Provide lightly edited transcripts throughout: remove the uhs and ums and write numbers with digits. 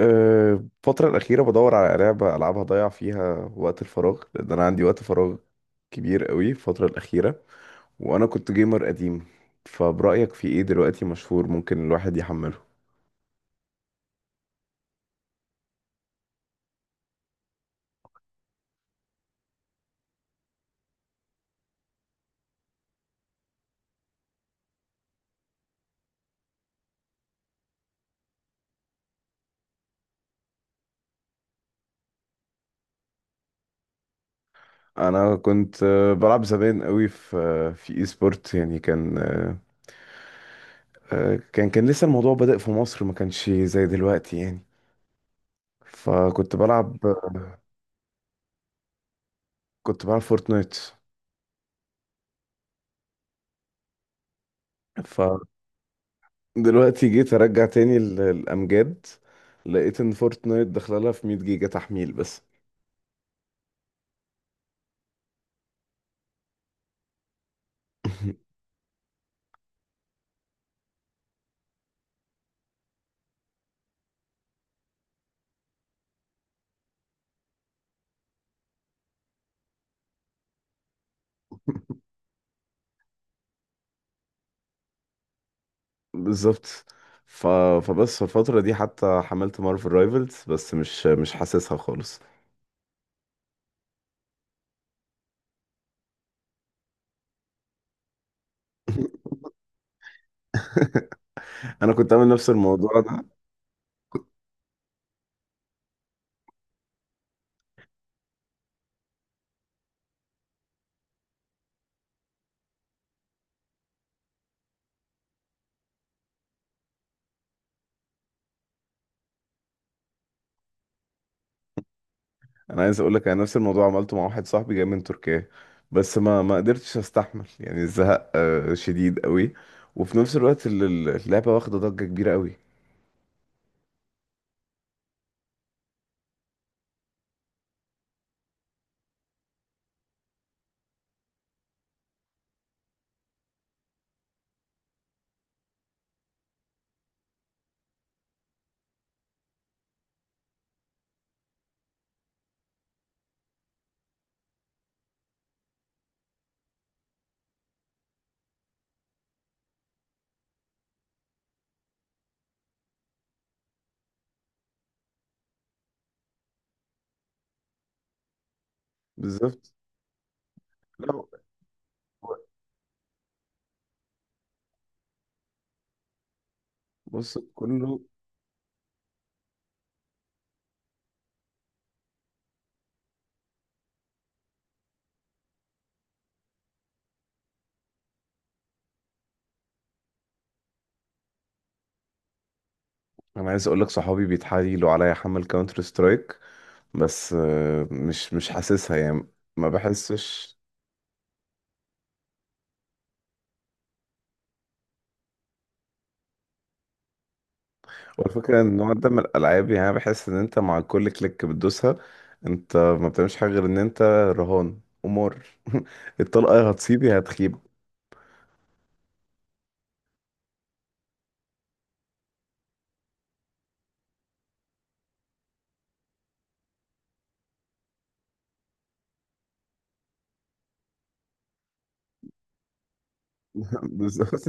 أه، الفترة الأخيرة بدور على لعبة ألعبها أضيع فيها وقت الفراغ لأن أنا عندي وقت فراغ كبير قوي الفترة الأخيرة، وأنا كنت جيمر قديم، فبرأيك في إيه دلوقتي مشهور ممكن الواحد يحمله؟ أنا كنت بلعب زمان قوي في إي سبورت، يعني كان أه، أه، كان كان لسه الموضوع بادئ في مصر، ما كانش زي دلوقتي يعني. فكنت بلعب آه، كنت بلعب فورتنايت. دلوقتي جيت ارجع تاني الامجاد، لقيت ان فورتنايت داخله لها في 100 جيجا تحميل بس. بالظبط. ف... فبس في الفتره دي حتى حملت مارفل رايفلز بس مش حاسسها خالص. انا كنت عامل نفس الموضوع ده. انا عايز اقول لك انا نفس الموضوع عملته مع واحد صاحبي جاي من تركيا، بس ما قدرتش استحمل يعني الزهق شديد قوي. وفي نفس الوقت اللعبه واخده ضجه كبيره قوي. بالظبط. لا. بص كله. انا عايز اقول لك صحابي بيتحايلوا عليا احمل كاونتر سترايك، بس مش حاسسها يعني، ما بحسش. والفكره ان النوع ده من الالعاب يعني أنا بحس ان انت مع كل كليك بتدوسها، انت ما بتعملش حاجه غير ان انت رهان قمار. الطلقه يا هتصيب يا هتخيب. بالظبط.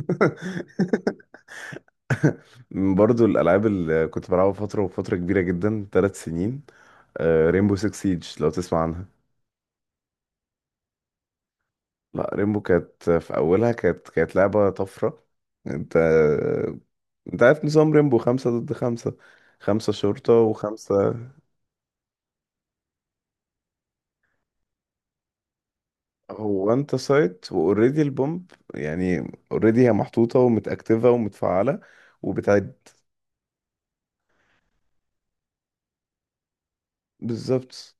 برضو الالعاب اللي كنت بلعبها فتره وفتره كبيره جدا 3 سنين، ريمبو 6 سيج لو تسمع. لا، ريمبو كانت في اولها، كانت لعبه طفره. انت انت عارف نظام ريمبو، خمسة ضد خمسة، خمسة شرطة وخمسة. هو انت سايت واوريدي البومب، يعني اوريدي هي محطوطة ومتأكتفة ومتفعلة وبتعد. بالظبط.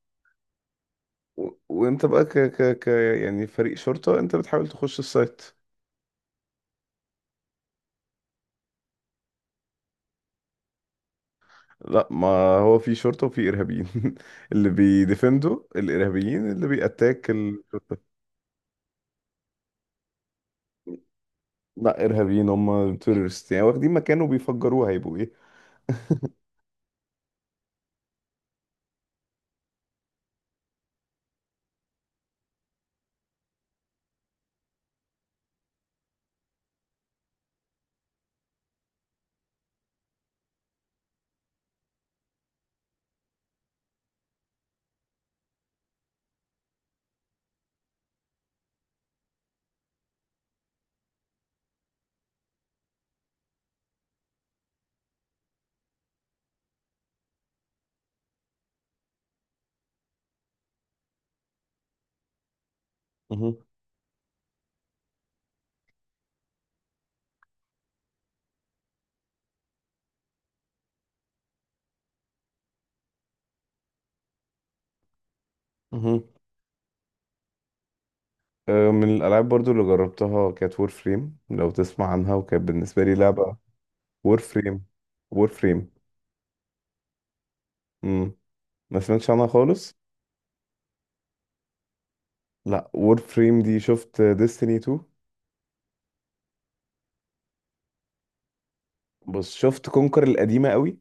وانت بقى ك... ك... ك يعني فريق شرطة، انت بتحاول تخش السايت. لا، ما هو في شرطة وفي إرهابيين. اللي بيديفندوا الإرهابيين، اللي بيأتاك الشرطة. لا، ارهابيين هم تورست، يعني واخدين مكان وبيفجروه هيبقوا ايه. مهم. مهم. من الالعاب برضو اللي جربتها كانت وور فريم لو تسمع عنها، وكانت بالنسبه لي لعبه. وور فريم. وور فريم. امم ما سمعتش عنها خالص. لا، وور فريم دي شفت ديستني 2؟ بس شفت كونكر القديمه قوي.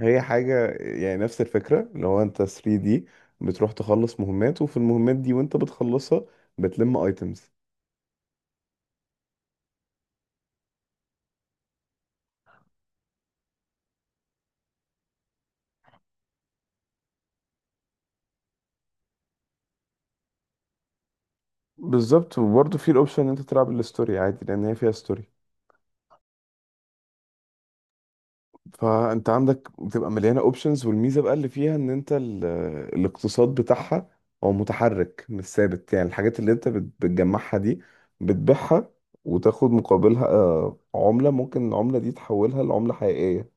هي حاجه يعني نفس الفكره اللي هو انت 3 دي بتروح تخلص مهمات، وفي المهمات دي وانت بتخلصها بتلم ايتمز. بالظبط. وبرضه في الاوبشن ان انت تلعب الستوري عادي لان هي فيها ستوري. فانت عندك بتبقى مليانه اوبشنز، والميزه بقى اللي فيها ان انت الاقتصاد بتاعها هو متحرك مش ثابت، يعني الحاجات اللي انت بتجمعها دي بتبيعها وتاخد مقابلها عمله، ممكن العمله دي تحولها لعمله حقيقيه.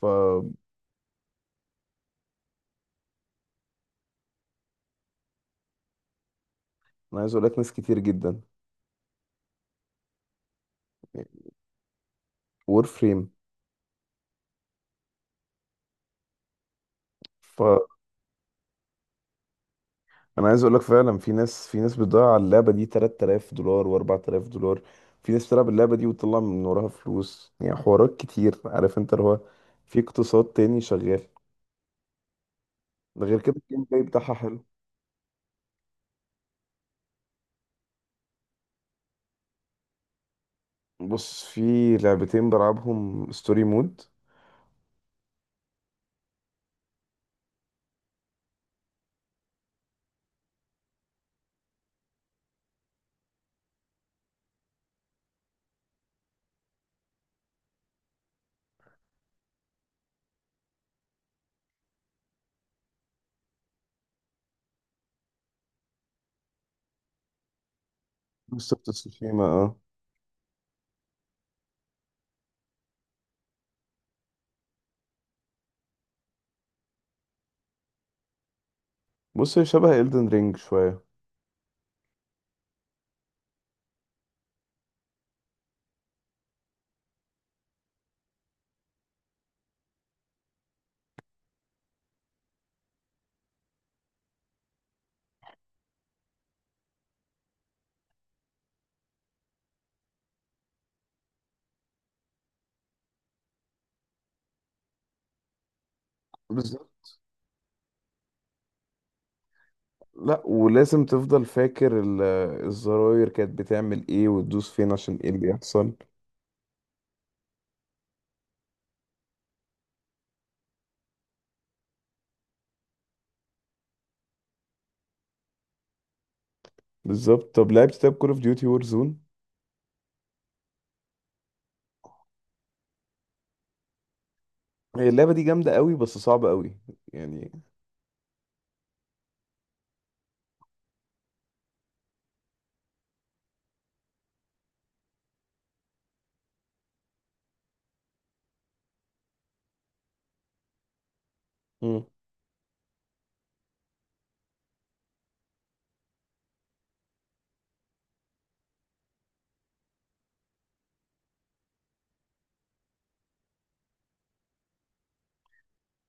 فانا عايز اقول لك ناس كتير جدا. وور فريم. انا عايز اقول لك فعلا في ناس، في ناس بتضيع على اللعبه دي 3000 دولار و4000 دولار. في ناس بتلعب اللعبه دي وتطلع من وراها فلوس، يعني حوارات كتير، عارف انت اللي هو في اقتصاد تاني شغال. ده غير كده الجيم بلاي بتاعها حلو. بص في لعبتين بلعبهم ستوري مود. بس بتستشيما اه. بص هي شبه إلدن رينج شويه. بالظبط. لا ولازم تفضل فاكر الزراير كانت بتعمل ايه وتدوس فين عشان ايه اللي يحصل. بالظبط. طب كول اوف ديوتي وور زون؟ هي اللعبة دي جامدة قوي بس صعبة قوي يعني. مم.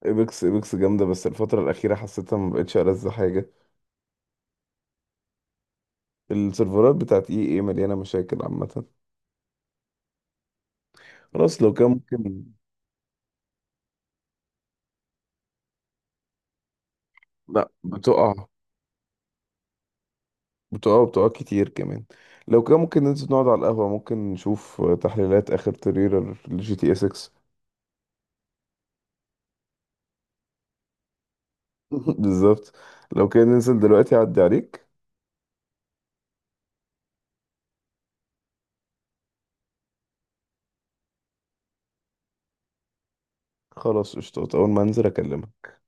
ايبكس ايبكس جامدة بس الفترة الأخيرة حسيتها ما بقتش ألذ حاجة. السيرفرات بتاعت اي اي مليانة مشاكل عامة. خلاص لو كان ممكن. لا بتقع. بتقع بتقع كتير كمان. لو كان ممكن ننزل نقعد على القهوة ممكن نشوف تحليلات آخر تريلر لجي تي اس 6. بالظبط. لو كان ننزل دلوقتي أعدي عليك. خلاص قشطات، أول ما أنزل أكلمك.